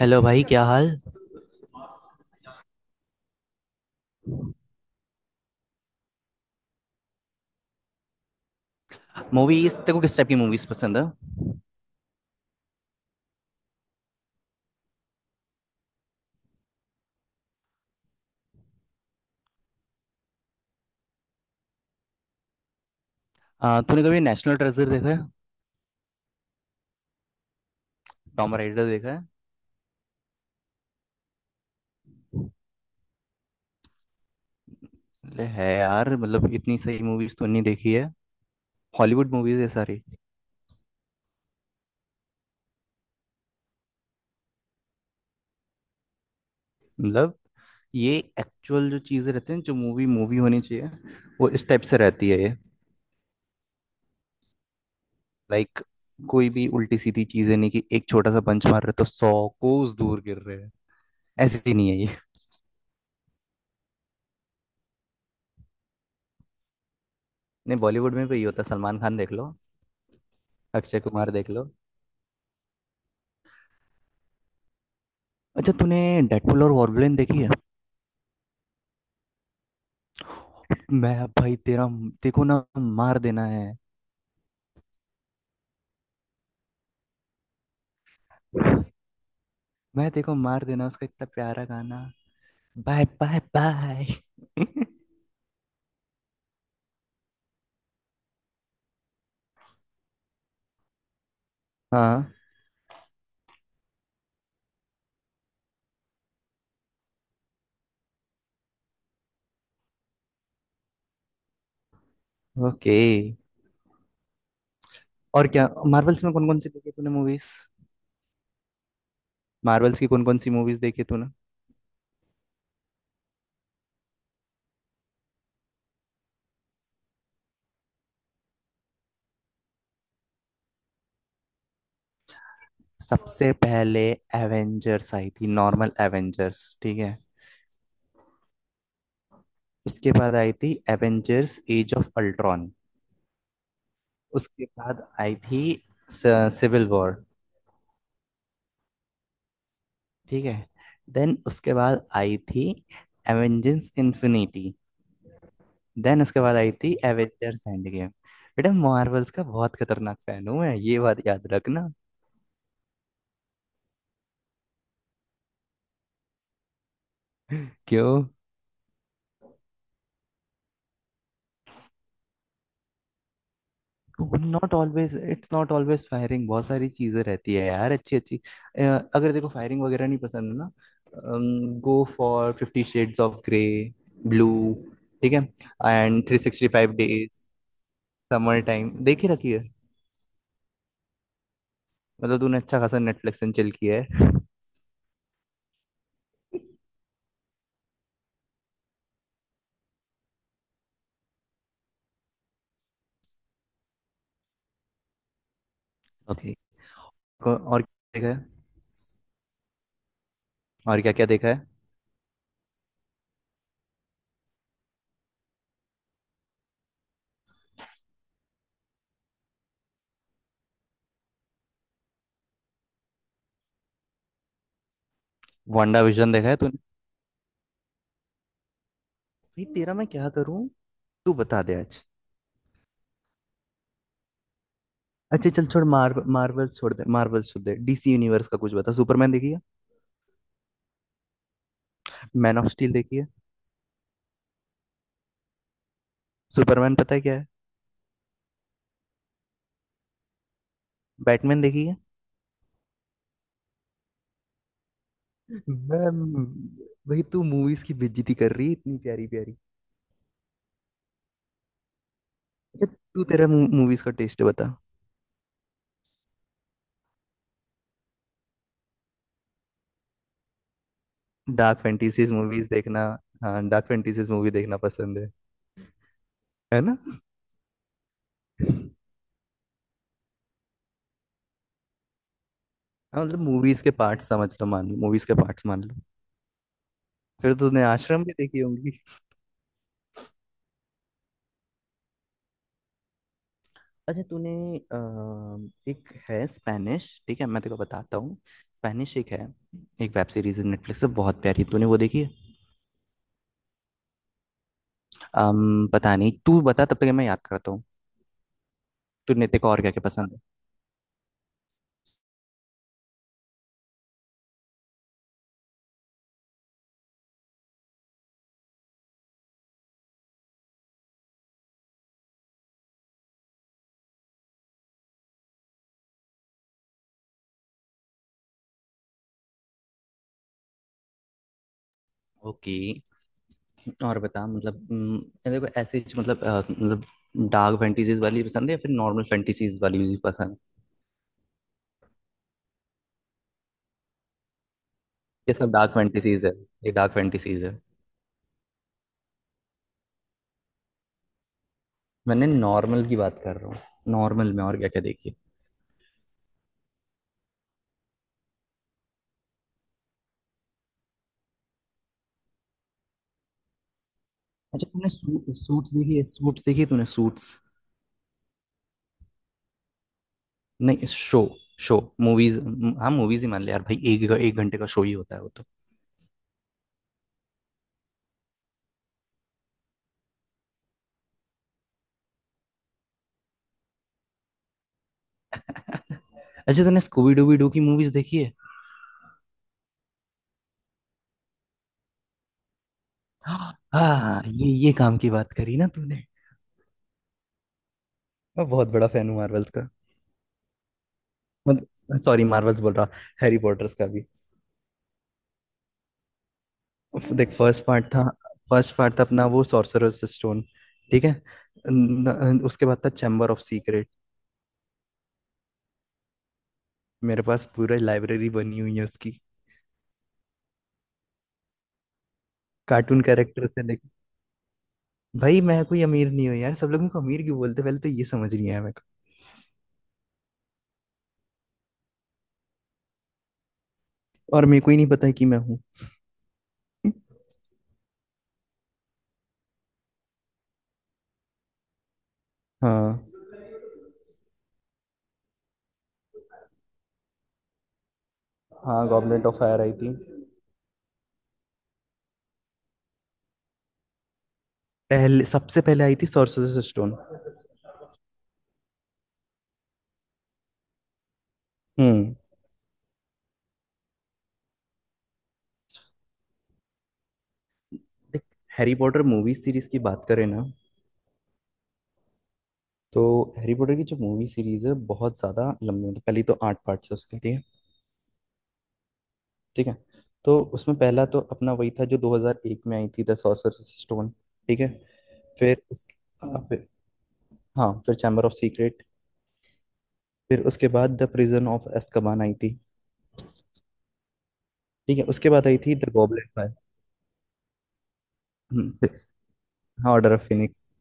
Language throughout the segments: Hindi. हेलो भाई, क्या हाल? मूवीज, तेरे को किस टाइप की मूवीज पसंद है? तूने कभी नेशनल ट्रेजर देखा है? टॉम राइडर देखा है? ले है यार, मतलब इतनी सही मूवीज तो नहीं देखी है। हॉलीवुड मूवीज है सारी। मतलब ये एक्चुअल जो चीजें रहती हैं जो मूवी मूवी होनी चाहिए, वो इस टाइप से रहती है ये। लाइक कोई भी उल्टी सीधी चीजें नहीं कि एक छोटा सा पंच मार रहे तो सौ कोस दूर गिर रहे हैं। ऐसी नहीं है ये। नहीं, बॉलीवुड में भी ये होता है। सलमान खान देख लो, अक्षय कुमार देख लो। अच्छा, तूने डेडपुल और वॉल्वरिन देखी है? मैं अब भाई तेरा देखो ना मार देना है। मैं देखो मार देना, उसका इतना प्यारा गाना, बाय बाय बाय। हाँ। ओके, और क्या मार्वल्स में कौन कौन सी देखी तूने मूवीज? मार्वल्स की कौन कौन सी मूवीज देखी तूने? सबसे पहले एवेंजर्स आई थी, नॉर्मल एवेंजर्स। ठीक है। उसके बाद आई थी एवेंजर्स एज ऑफ अल्ट्रॉन। उसके बाद आई थी सिविल वॉर। ठीक है। देन उसके बाद आई थी एवेंजर्स इन्फिनिटी। देन उसके बाद आई थी एवेंजर्स एंड गेम। बेटा, मार्वल्स का बहुत खतरनाक फैन हूँ मैं, ये बात याद रखना। क्यों? Not always, it's not always firing. बहुत सारी चीजें रहती है यार, अच्छी अच्छी। अ, अगर देखो फायरिंग वगैरह नहीं पसंद ना, go for fifty shades of grey, blue. ठीक है। And 365 days. समर टाइम देख ही रखी है। मतलब तूने अच्छा खासा नेटफ्लिक्स एंड चिल किया है। ओके। और क्या देखा है? और क्या क्या देखा है? वांडा विजन देखा है तूने? भाई तेरा मैं क्या करूं? तू बता दे आज। अच्छा चल छोड़, मार मार्वल छोड़ दे, मार्वल छोड़ दे। डीसी यूनिवर्स का कुछ बता। सुपरमैन देखी है? मैन ऑफ स्टील देखी है? सुपरमैन पता है क्या है? बैटमैन देखी है? मैं- भाई तू मूवीज की बेइज्जती कर रही है इतनी प्यारी प्यारी। अच्छा, तू तेरा मूवीज का टेस्ट बता। डार्क फैंटेसीज मूवीज देखना? हाँ, डार्क फैंटेसीज मूवी देखना पसंद है? है ना? हाँ मतलब मूवीज के पार्ट समझ लो, मान लो मूवीज के पार्ट्स मान लो। फिर तो तूने आश्रम भी देखी होंगी। अच्छा तूने एक है स्पेनिश, ठीक है मैं तेरे को बताता हूँ। स्पेनिश एक है, एक वेब सीरीज है नेटफ्लिक्स पे बहुत प्यारी, तूने वो देखी है? पता नहीं, तू बता, तब तक मैं याद करता हूँ। तूने तेरे को और क्या क्या पसंद है? ओके। और बता मतलब तेरे को ऐसे ही मतलब मतलब डार्क फैंटेसीज वाली पसंद है या फिर नॉर्मल फैंटेसीज वाली भी पसंद है? ये सब डार्क फैंटेसीज है। ये डार्क फैंटेसीज है। मैंने नॉर्मल की बात कर रहा हूँ। नॉर्मल में और क्या क्या देखी है? अच्छा तूने सूट्स देखी है? सूट्स देखी है तूने सूट्स? नहीं, शो, शो मूवीज। हाँ मूवीज ही मान ले यार भाई, एक एक घंटे का शो ही होता है वो तो। अच्छा तूने स्कूबी डूबी डू की मूवीज देखी है? हाँ हाँ, ये काम की बात करी ना तूने। मैं बहुत बड़ा फैन हूँ मार्वल्स का। मतलब सॉरी मार्वल्स बोल रहा, हैरी पॉटर्स का भी। देख, फर्स्ट पार्ट था, फर्स्ट पार्ट था अपना वो सॉर्सरर्स स्टोन, ठीक है। उसके बाद था चैम्बर ऑफ सीक्रेट। मेरे पास पूरा लाइब्रेरी बनी हुई है उसकी। कार्टून कैरेक्टर से। भाई मैं कोई अमीर नहीं हूँ यार, सब लोगों को अमीर क्यों बोलते हैं? पहले तो ये समझ नहीं आया मेरे को, और मेरे को ही नहीं पता है कि मैं हूँ। हाँ। हाँ गॉबलेट ऑफ फायर आई थी। पहले सबसे पहले आई थी सोर्सरर्स स्टोन। हम्म। देख, हैरी पॉटर मूवी सीरीज की बात करें ना, तो हैरी पॉटर की जो मूवी सीरीज है बहुत ज़्यादा लंबी, मतलब पहली तो आठ पार्ट्स है उसके, ठीक है। ठीक है। तो उसमें पहला तो अपना वही था जो 2001 में आई थी द सोर्सरर्स स्टोन, ठीक है। फिर उसके हाँ, फिर हाँ फिर चैम्बर ऑफ सीक्रेट। फिर उसके बाद द प्रिजन ऑफ एस्कबान आई थी, ठीक है। उसके बाद आई थी द गॉब्लिन फाइल। हम्म, फिर- हाँ ऑर्डर ऑफ फिनिक्स।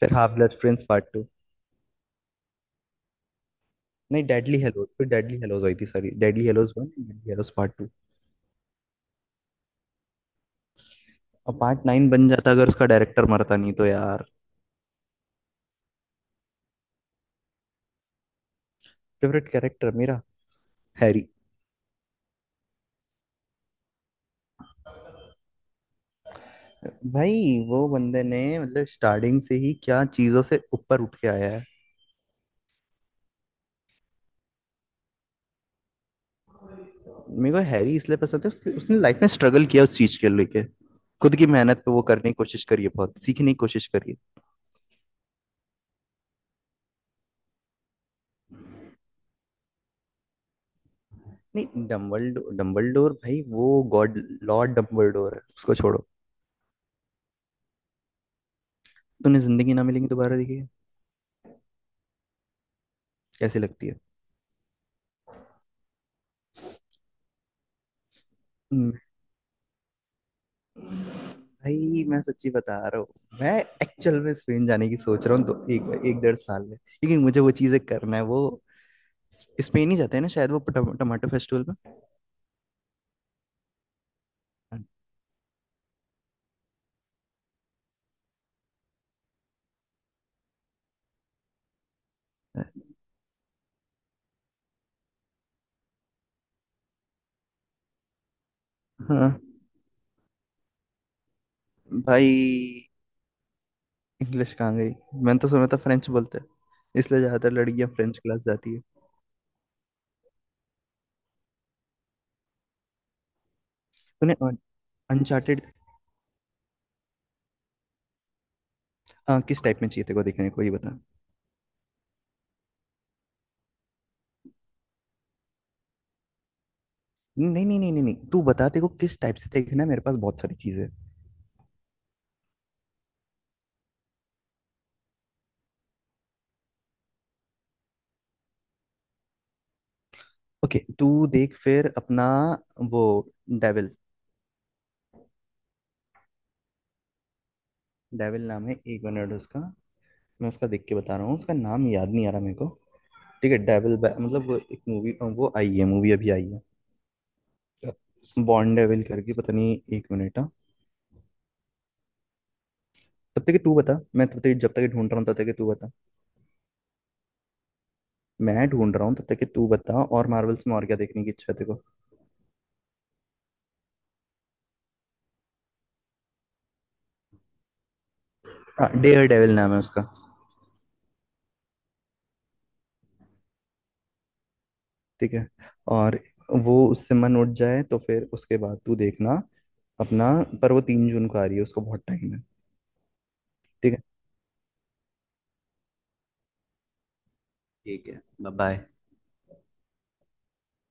फिर हाफ ब्लड प्रिंस पार्ट 2। नहीं डेडली हेलोज, फिर डेडली हेलोज आई थी, sorry deadly halos 1, deadly hallows part 2। और पार्ट 9 बन जाता अगर उसका डायरेक्टर मरता नहीं तो यार। फेवरेट कैरेक्टर मेरा हैरी। भाई, वो बंदे ने मतलब स्टार्टिंग से ही क्या चीज़ों से ऊपर उठ के आया है। मेरे को हैरी इसलिए पसंद है, उसके उसने लाइफ में स्ट्रगल किया उस चीज के लेके। खुद की मेहनत पे वो करने की कोशिश करी है, बहुत सीखने की कोशिश करी है। नहीं डम्बलडोर, डम्बलडोर भाई वो गॉड लॉर्ड डम्बलडोर है, उसको छोड़ो। तूने जिंदगी ना मिलेगी दोबारा देखी है? कैसी लगती है? हम्म, भाई मैं सच्ची बता रहा हूँ, मैं एक्चुअल में स्पेन जाने की सोच रहा हूँ तो, एक एक डेढ़ साल में, क्योंकि मुझे वो चीजें करना है वो। स्पेन ही जाते हैं ना शायद वो टमाटो फेस्टिवल में। हाँ। भाई इंग्लिश कहाँ गई? मैंने तो सुना था फ्रेंच बोलते हैं, इसलिए ज्यादातर लड़कियां फ्रेंच क्लास जाती है। तूने अनचार्टेड? हाँ, किस टाइप में चाहिए तेरे को देखने को ये बता। नहीं नहीं नहीं नहीं नहीं, तू बता, तेरे को किस टाइप से देखना है, मेरे पास बहुत सारी चीजें हैं। ओके तू देख फिर अपना वो डेविल। डेविल नाम है, एक मिनट उसका। मैं उसका देख के बता रहा हूँ, उसका नाम याद नहीं आ रहा मेरे को। ठीक है डेविल मतलब वो एक मूवी, वो आई है, मूवी अभी आई है बॉर्न डेविल करके, पता नहीं, एक मिनट। हाँ। तब तक कि तू बता, मैं तब तक, जब तक कि ढूंढ रहा हूँ तब तक कि तू बता। मैं ढूंढ रहा हूँ तब तक कि तू बता, और मार्वल्स में और क्या देखने की इच्छा है तेरे को? हाँ डेयर डेविल नाम है उसका। ठीक है। और वो उससे मन उठ जाए तो फिर उसके बाद तू देखना अपना, पर वो 3 जून को आ रही है, उसको बहुत टाइम है। ठीक है। ठीक है बाय बाय।